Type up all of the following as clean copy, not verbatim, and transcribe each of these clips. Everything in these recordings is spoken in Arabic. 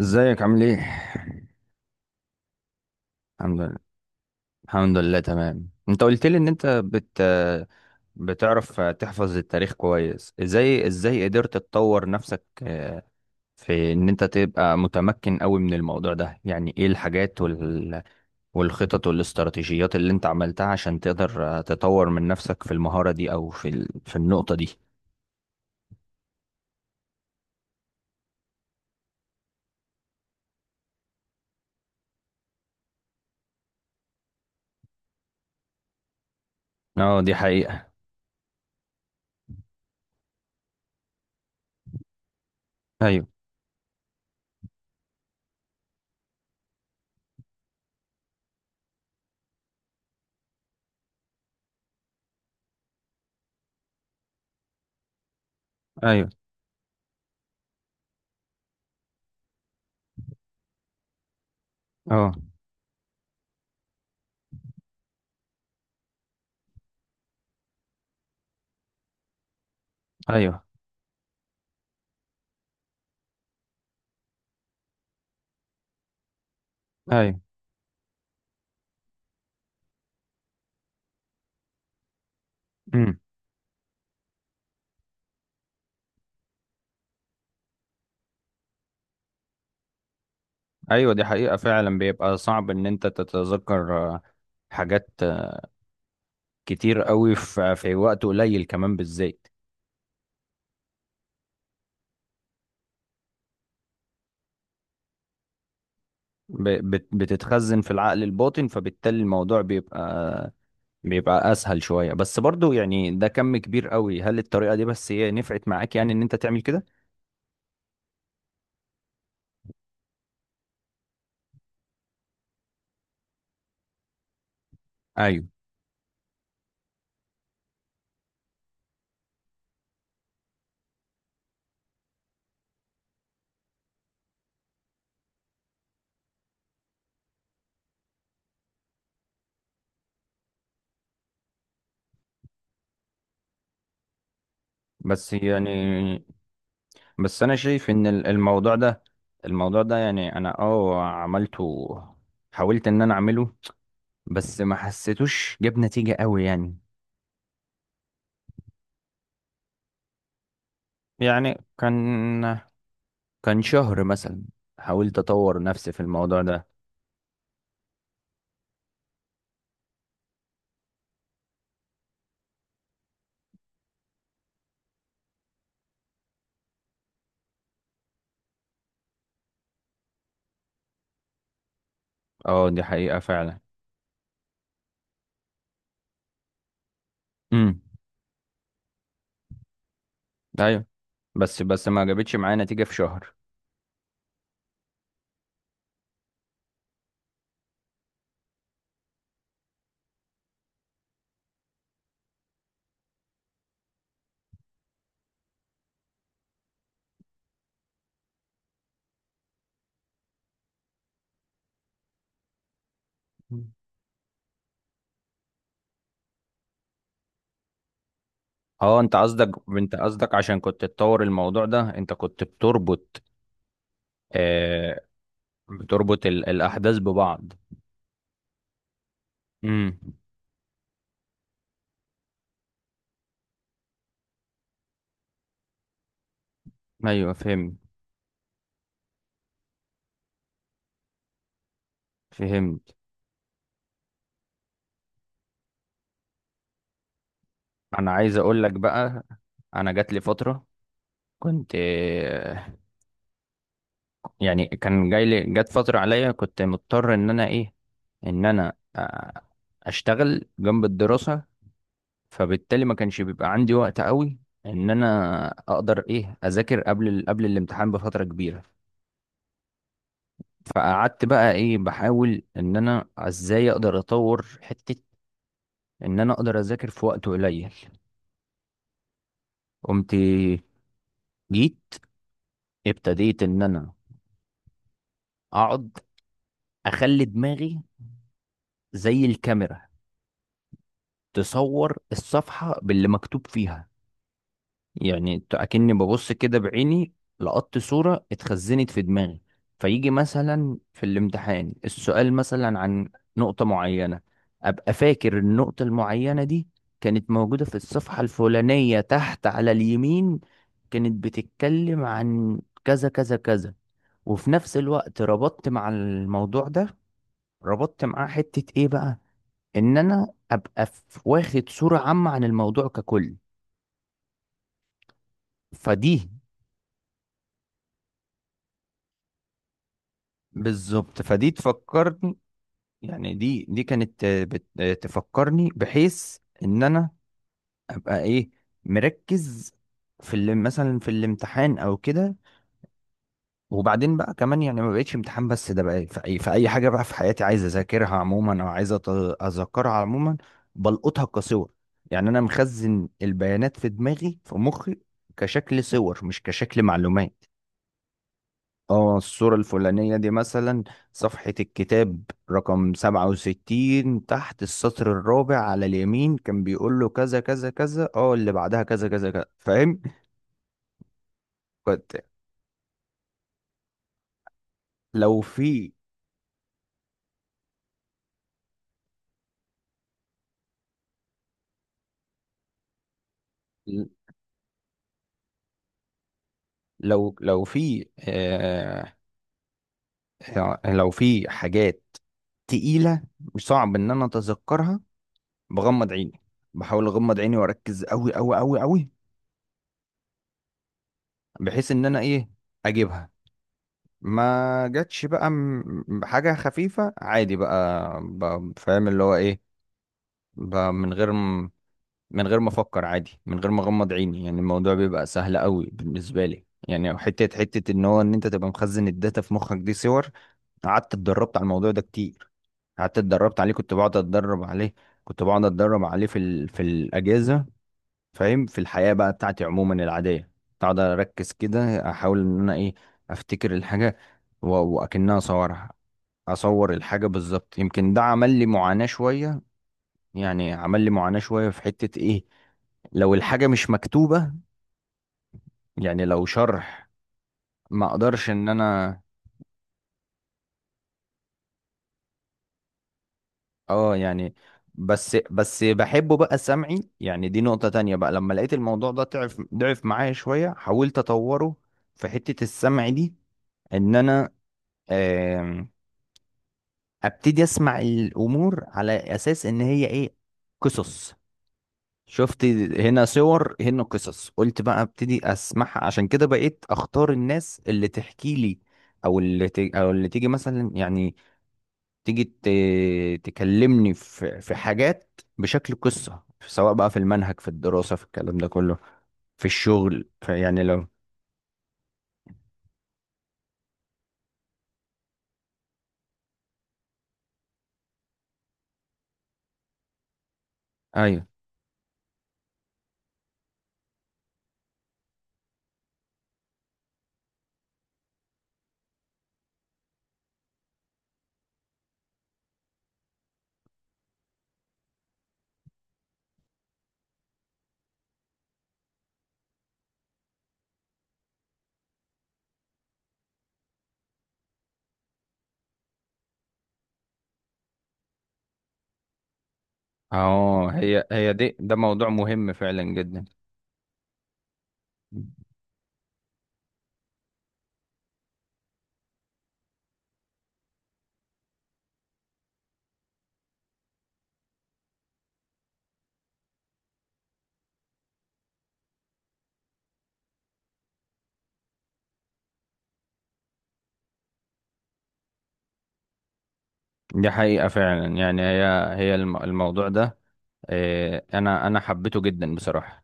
ازيك عامل ايه؟ الحمد لله. الحمد لله تمام. انت قلت لي ان انت بتعرف تحفظ التاريخ كويس، ازاي قدرت تطور نفسك في ان انت تبقى متمكن قوي من الموضوع ده. يعني ايه الحاجات والخطط والاستراتيجيات اللي انت عملتها عشان تقدر تطور من نفسك في المهارة دي او في النقطة دي؟ اه دي حقيقة. ايوه. ايوه. اه. ايوه. ايوه. ايوه دي حقيقة، فعلا بيبقى صعب ان انت تتذكر حاجات كتير قوي في وقت قليل كمان بالذات. بتتخزن في العقل الباطن، فبالتالي الموضوع بيبقى بيبقى اسهل شوية، بس برضو يعني ده كم كبير قوي. هل الطريقة دي بس هي نفعت معاك، يعني ان انت تعمل كده؟ ايوه. بس يعني بس انا شايف ان الموضوع ده يعني انا اه عملته، حاولت ان انا اعمله، بس ما حسيتوش جاب نتيجة قوي يعني. يعني كان شهر مثلا حاولت اطور نفسي في الموضوع ده. اه دي حقيقة فعلا. امم. ايوه. بس ما جابتش معايا نتيجة في شهر. مم. اه انت قصدك، عشان كنت تطور الموضوع ده انت كنت بتربط. آه، بتربط الاحداث ببعض. امم. ايوه فهمت. فهمت. انا عايز اقول لك بقى، انا جات لي فترة كنت، يعني كان جاي لي جت فترة عليا كنت مضطر ان انا ايه، ان انا اشتغل جنب الدراسة، فبالتالي ما كانش بيبقى عندي وقت قوي ان انا اقدر ايه اذاكر قبل قبل الامتحان بفترة كبيرة. فقعدت بقى ايه بحاول ان انا ازاي اقدر اطور حتة ان انا اقدر اذاكر في وقت قليل. قمت جيت ابتديت ان انا اقعد اخلي دماغي زي الكاميرا تصور الصفحة باللي مكتوب فيها. يعني اكني ببص كده بعيني، لقطت صورة اتخزنت في دماغي. فيجي مثلا في الامتحان السؤال مثلا عن نقطة معينة، ابقى فاكر النقطة المعينة دي كانت موجودة في الصفحة الفلانية تحت على اليمين، كانت بتتكلم عن كذا كذا كذا. وفي نفس الوقت ربطت مع الموضوع ده، ربطت معاه حتة ايه بقى، ان انا ابقى واخد صورة عامة عن الموضوع ككل. فدي بالظبط، فدي تفكرني. يعني دي كانت تفكرني بحيث ان انا ابقى ايه مركز في اللي مثلا في الامتحان او كده. وبعدين بقى كمان يعني ما بقتش امتحان بس، ده بقى في اي في اي حاجه بقى في حياتي عايز اذاكرها عموما، او عايز اذكرها عموما بلقطها كصور. يعني انا مخزن البيانات في دماغي في مخي كشكل صور مش كشكل معلومات. اه الصورة الفلانية دي مثلا صفحة الكتاب رقم 67 تحت السطر الرابع على اليمين، كان بيقول له كذا كذا كذا، اه اللي بعدها كذا كذا كذا، فاهم؟ كنت، لو في، لو في آه، لو في حاجات تقيلة مش صعب ان انا اتذكرها، بغمض عيني، بحاول اغمض عيني واركز قوي قوي قوي قوي بحيث ان انا ايه اجيبها. ما جاتش بقى حاجة خفيفة عادي بقى، بقى فاهم اللي هو ايه بقى، من غير من غير ما افكر عادي، من غير ما اغمض عيني، يعني الموضوع بيبقى سهل قوي بالنسبة لي. يعني حتة ان هو ان انت تبقى مخزن الداتا في مخك دي صور. قعدت اتدربت على الموضوع ده كتير، قعدت اتدربت عليه، كنت بقعد اتدرب عليه في الاجازة، فاهم، في الحياة بقى بتاعتي عموما العادية. اقعد اركز كده احاول ان انا ايه افتكر الحاجة واكنها اصورها، اصور الحاجة بالظبط. يمكن ده عمل لي معاناة شوية، يعني عمل لي معاناة شوية في حتة ايه، لو الحاجة مش مكتوبة يعني لو شرح، ما اقدرش ان انا اه يعني. بس بحبه بقى سمعي. يعني دي نقطة تانية بقى، لما لقيت الموضوع ده ضعف معايا شوية، حاولت اطوره في حتة السمع دي. ان انا ابتدي اسمع الامور على اساس ان هي ايه قصص. شفت؟ هنا صور هنا قصص، قلت بقى ابتدي اسمعها، عشان كده بقيت اختار الناس اللي تحكي لي، او او اللي تيجي مثلا يعني، تيجي ت... تكلمني في حاجات بشكل قصة، سواء بقى في المنهج في الدراسة في الكلام ده كله، في الشغل، في يعني لو. ايوه. اه هي هي دي ده موضوع مهم فعلا جدا. دي حقيقة فعلا. يعني هي هي الموضوع ده انا حبيته جدا بصراحه.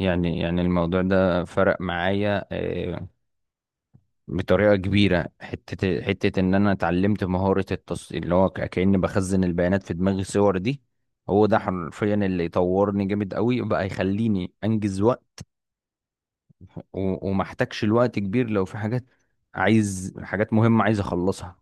يعني الموضوع ده فرق معايا بطريقه كبيره. حته ان انا اتعلمت مهاره التص اللي هو كاني بخزن البيانات في دماغي الصور دي. هو ده حرفيا اللي طورني جامد قوي بقى، يخليني انجز وقت وما احتاجش الوقت كبير لو في حاجات، عايز حاجات مهمه عايز اخلصها.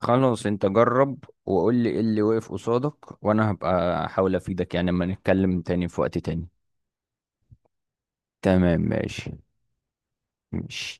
خلاص انت جرب وقول لي ايه اللي واقف قصادك، وانا هبقى احاول افيدك يعني، اما نتكلم تاني في وقت تاني. تمام ماشي. ماشي.